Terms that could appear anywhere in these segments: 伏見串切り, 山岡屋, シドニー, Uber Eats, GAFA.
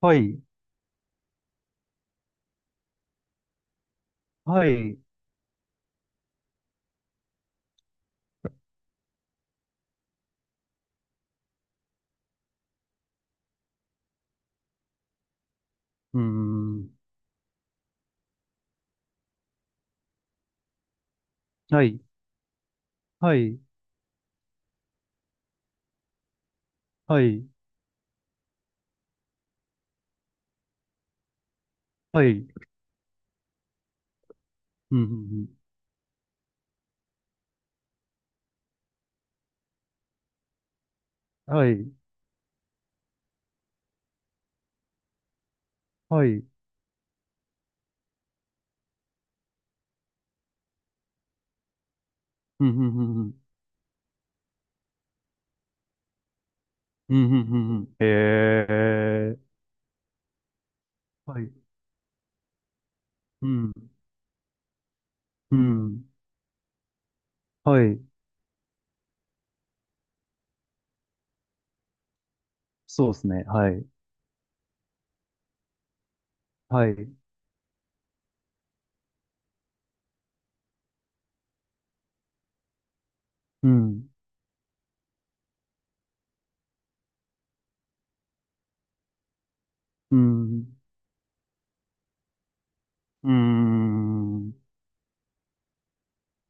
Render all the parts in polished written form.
はい、はい、うーん、はい、はい、はい、はい、うん、うんうんはい、はい、うん、うん、うん、うん、うん、うんうんへえ、はい、うん、うん、はい、そうですね、はい、はい、うん、うん、うーん、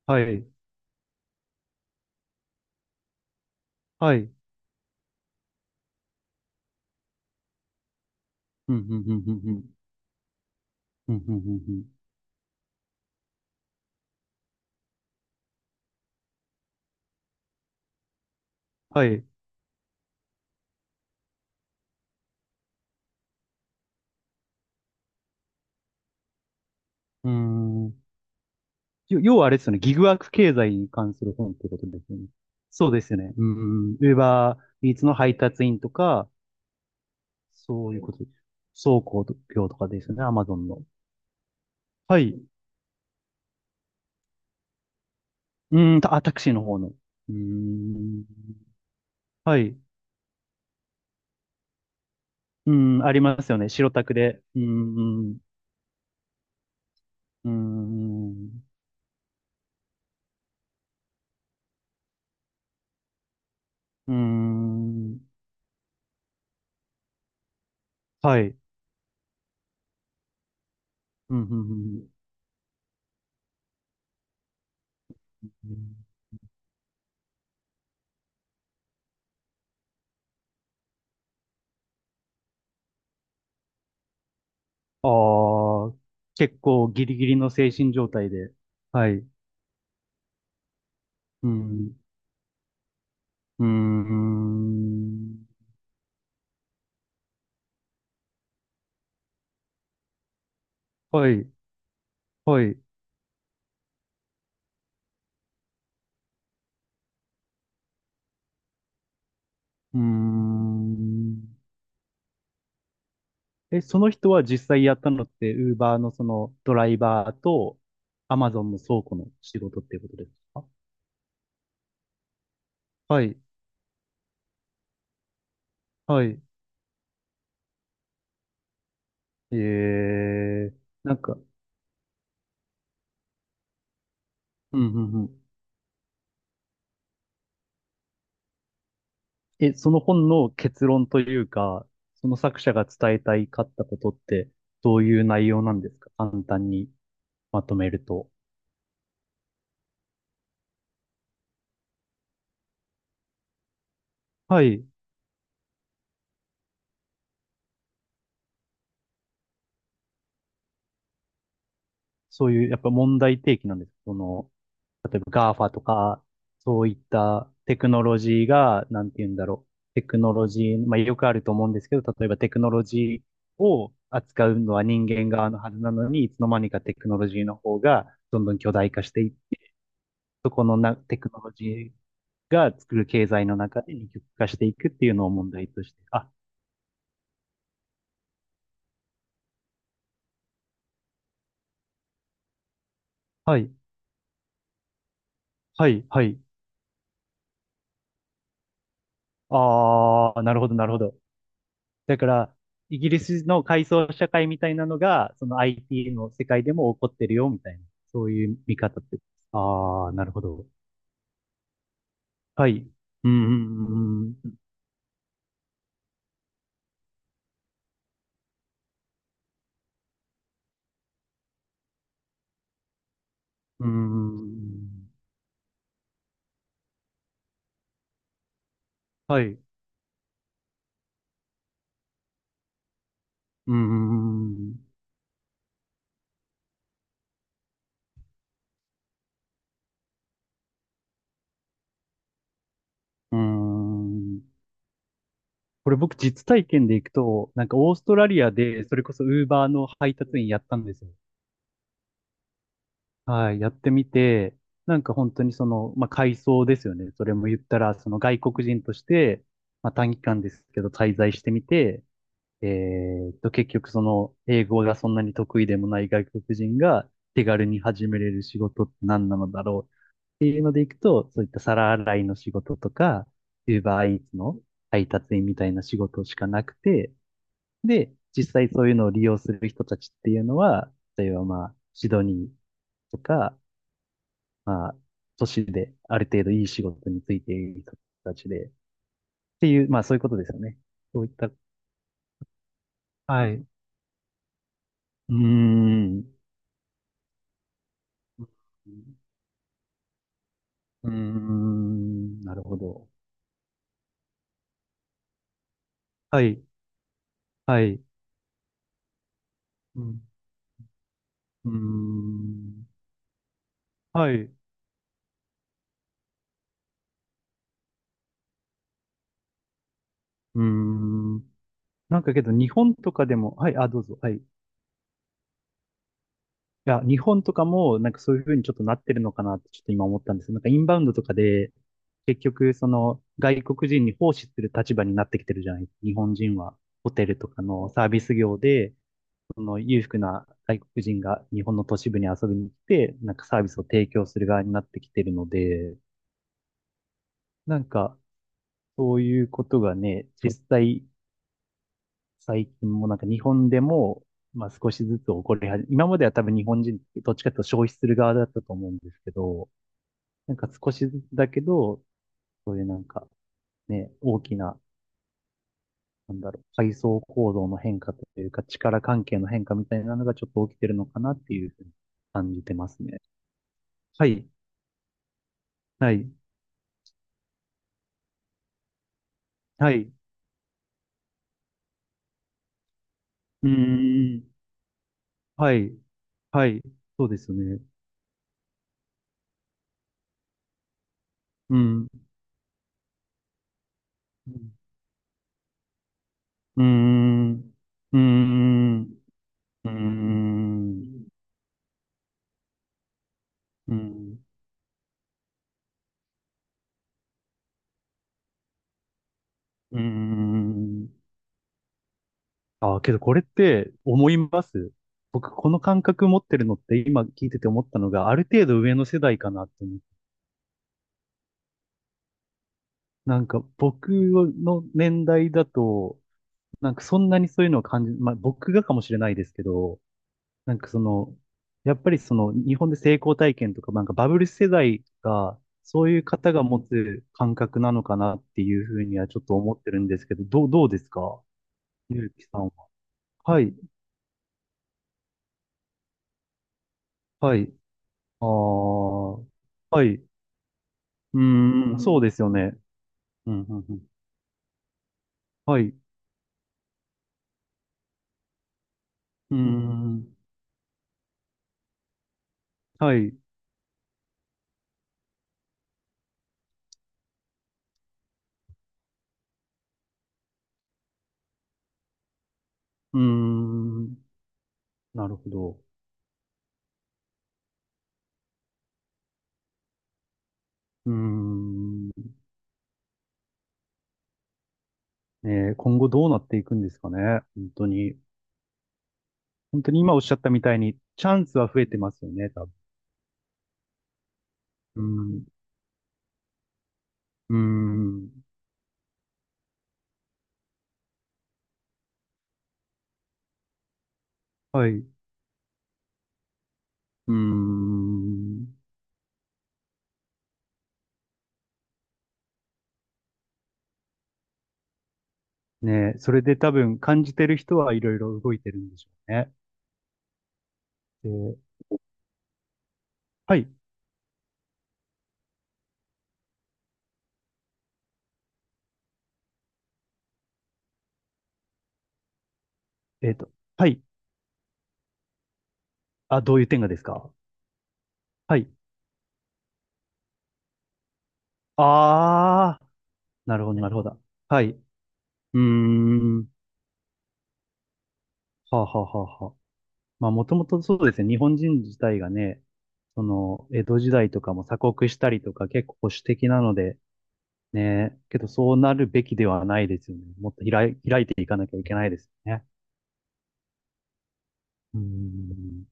はい、はい、うん、うん、うん、うん、うん、うん、うんうんうんはい、うーん、要はあれですよね、ギグワーク経済に関する本ってことですよね。そうですよね。うんうん。ウーバーイーツの配達員とか、そういうこと倉庫業とかですよね、アマゾンの。はい。うん、タクシーの方の。うーん。はい。うん、ありますよね。白タクで。うん、うん、うん、うん。うんはい。うん、うん、うん。ああー、結構ギリギリの精神状態で。はい。うん。うーん。はい、はい。うーん。え、その人は実際やったのって、ウーバーのそのドライバーと、アマゾンの倉庫の仕事っていうことですか。はい、はい。えー、なんか、うん、うん、うん。え、その本の結論というか、その作者が伝えたいかったことって、どういう内容なんですか、簡単にまとめると。はい。そういう、やっぱ問題提起なんです。その、例えば GAFA とか、そういったテクノロジーが、なんて言うんだろう。テクノロジー、まあよくあると思うんですけど、例えばテクノロジーを扱うのは人間側のはずなのに、いつの間にかテクノロジーの方がどんどん巨大化していっそこのな、テクノロジーが作る経済の中で二極化していくっていうのを問題として。あ、はい、はい、はい。あー、なるほど、なるほど。だから、イギリスの階層社会みたいなのが、その IT の世界でも起こってるよ、みたいな。そういう見方って。ああ、なるほど。はい。うん、うん、うん、うん。はい。うん、うん。これ僕実体験で行くと、なんかオーストラリアで、それこそウーバーの配達員やったんですよ。はい、やってみて、なんか本当にその、まあ、改装ですよね。それも言ったら、その外国人として、まあ、短期間ですけど滞在してみて、え結局その、英語がそんなに得意でもない外国人が手軽に始めれる仕事って何なのだろうっていうのでいくと、そういった皿洗いの仕事とか、Uber Eats の配達員みたいな仕事しかなくて、で、実際そういうのを利用する人たちっていうのは、例えばまあ、シドニーとか、まあ、都市である程度いい仕事についている人たちで、っていう、まあそういうことですよね。そういった、はい。うーん、うーん、なるほど。はい。はい。うん。うーん、はい。うーん。なんかけど日本とかでも、はい、あ、どうぞ。はい。いや、日本とかも、なんかそういうふうにちょっとなってるのかなってちょっと今思ったんですよ。なんかインバウンドとかで、結局、その、外国人に奉仕する立場になってきてるじゃない。日本人は、ホテルとかのサービス業で、その裕福な外国人が日本の都市部に遊びに来て、なんかサービスを提供する側になってきてるので、なんか、そういうことがね、実際、最近もなんか日本でも、まあ少しずつ起こり始め、今までは多分日本人、どっちかというと消費する側だったと思うんですけど、なんか少しだけど、そういうなんかね、大きな、なんだろう、階層構造の変化というか、力関係の変化みたいなのがちょっと起きてるのかなっていうふうに感じてますね。はい、はい、はい、うーん、はい、はい、そうですね。うん、うん、うーん、うーん、うーん、うーん、うーん、うーん。ああ、けどこれって思います。僕、この感覚持ってるのって今聞いてて思ったのが、ある程度上の世代かなって思う。なんか僕の年代だと、なんかそんなにそういうのを感じ、まあ僕がかもしれないですけど、なんかその、やっぱりその日本で成功体験とか、なんかバブル世代が、そういう方が持つ感覚なのかなっていうふうにはちょっと思ってるんですけど、どうですかゆうきさんは。はい、はい、ああ、はい。うーん、そうですよね。うん、うん、うん。はい。うーん、はい。うーん、なるほど。うーん、ねえ、今後どうなっていくんですかね。本当に。本当に今おっしゃったみたいに、チャンスは増えてますよね、多分。うーん、うーん、はい。うーん、ねえ、それで多分感じてる人はいろいろ動いてるんでしょうね。で、はい。えっと、はい。あ、どういう点がですか。はい。ああ、なるほど、なるほど。はい。うーん。はあ、はあはあはあ。まあ、もともとそうですね。日本人自体がね、その、江戸時代とかも鎖国したりとか結構保守的なので、ね、けどそうなるべきではないですよね。もっと開い、開いていかなきゃいけないですよね。うーん。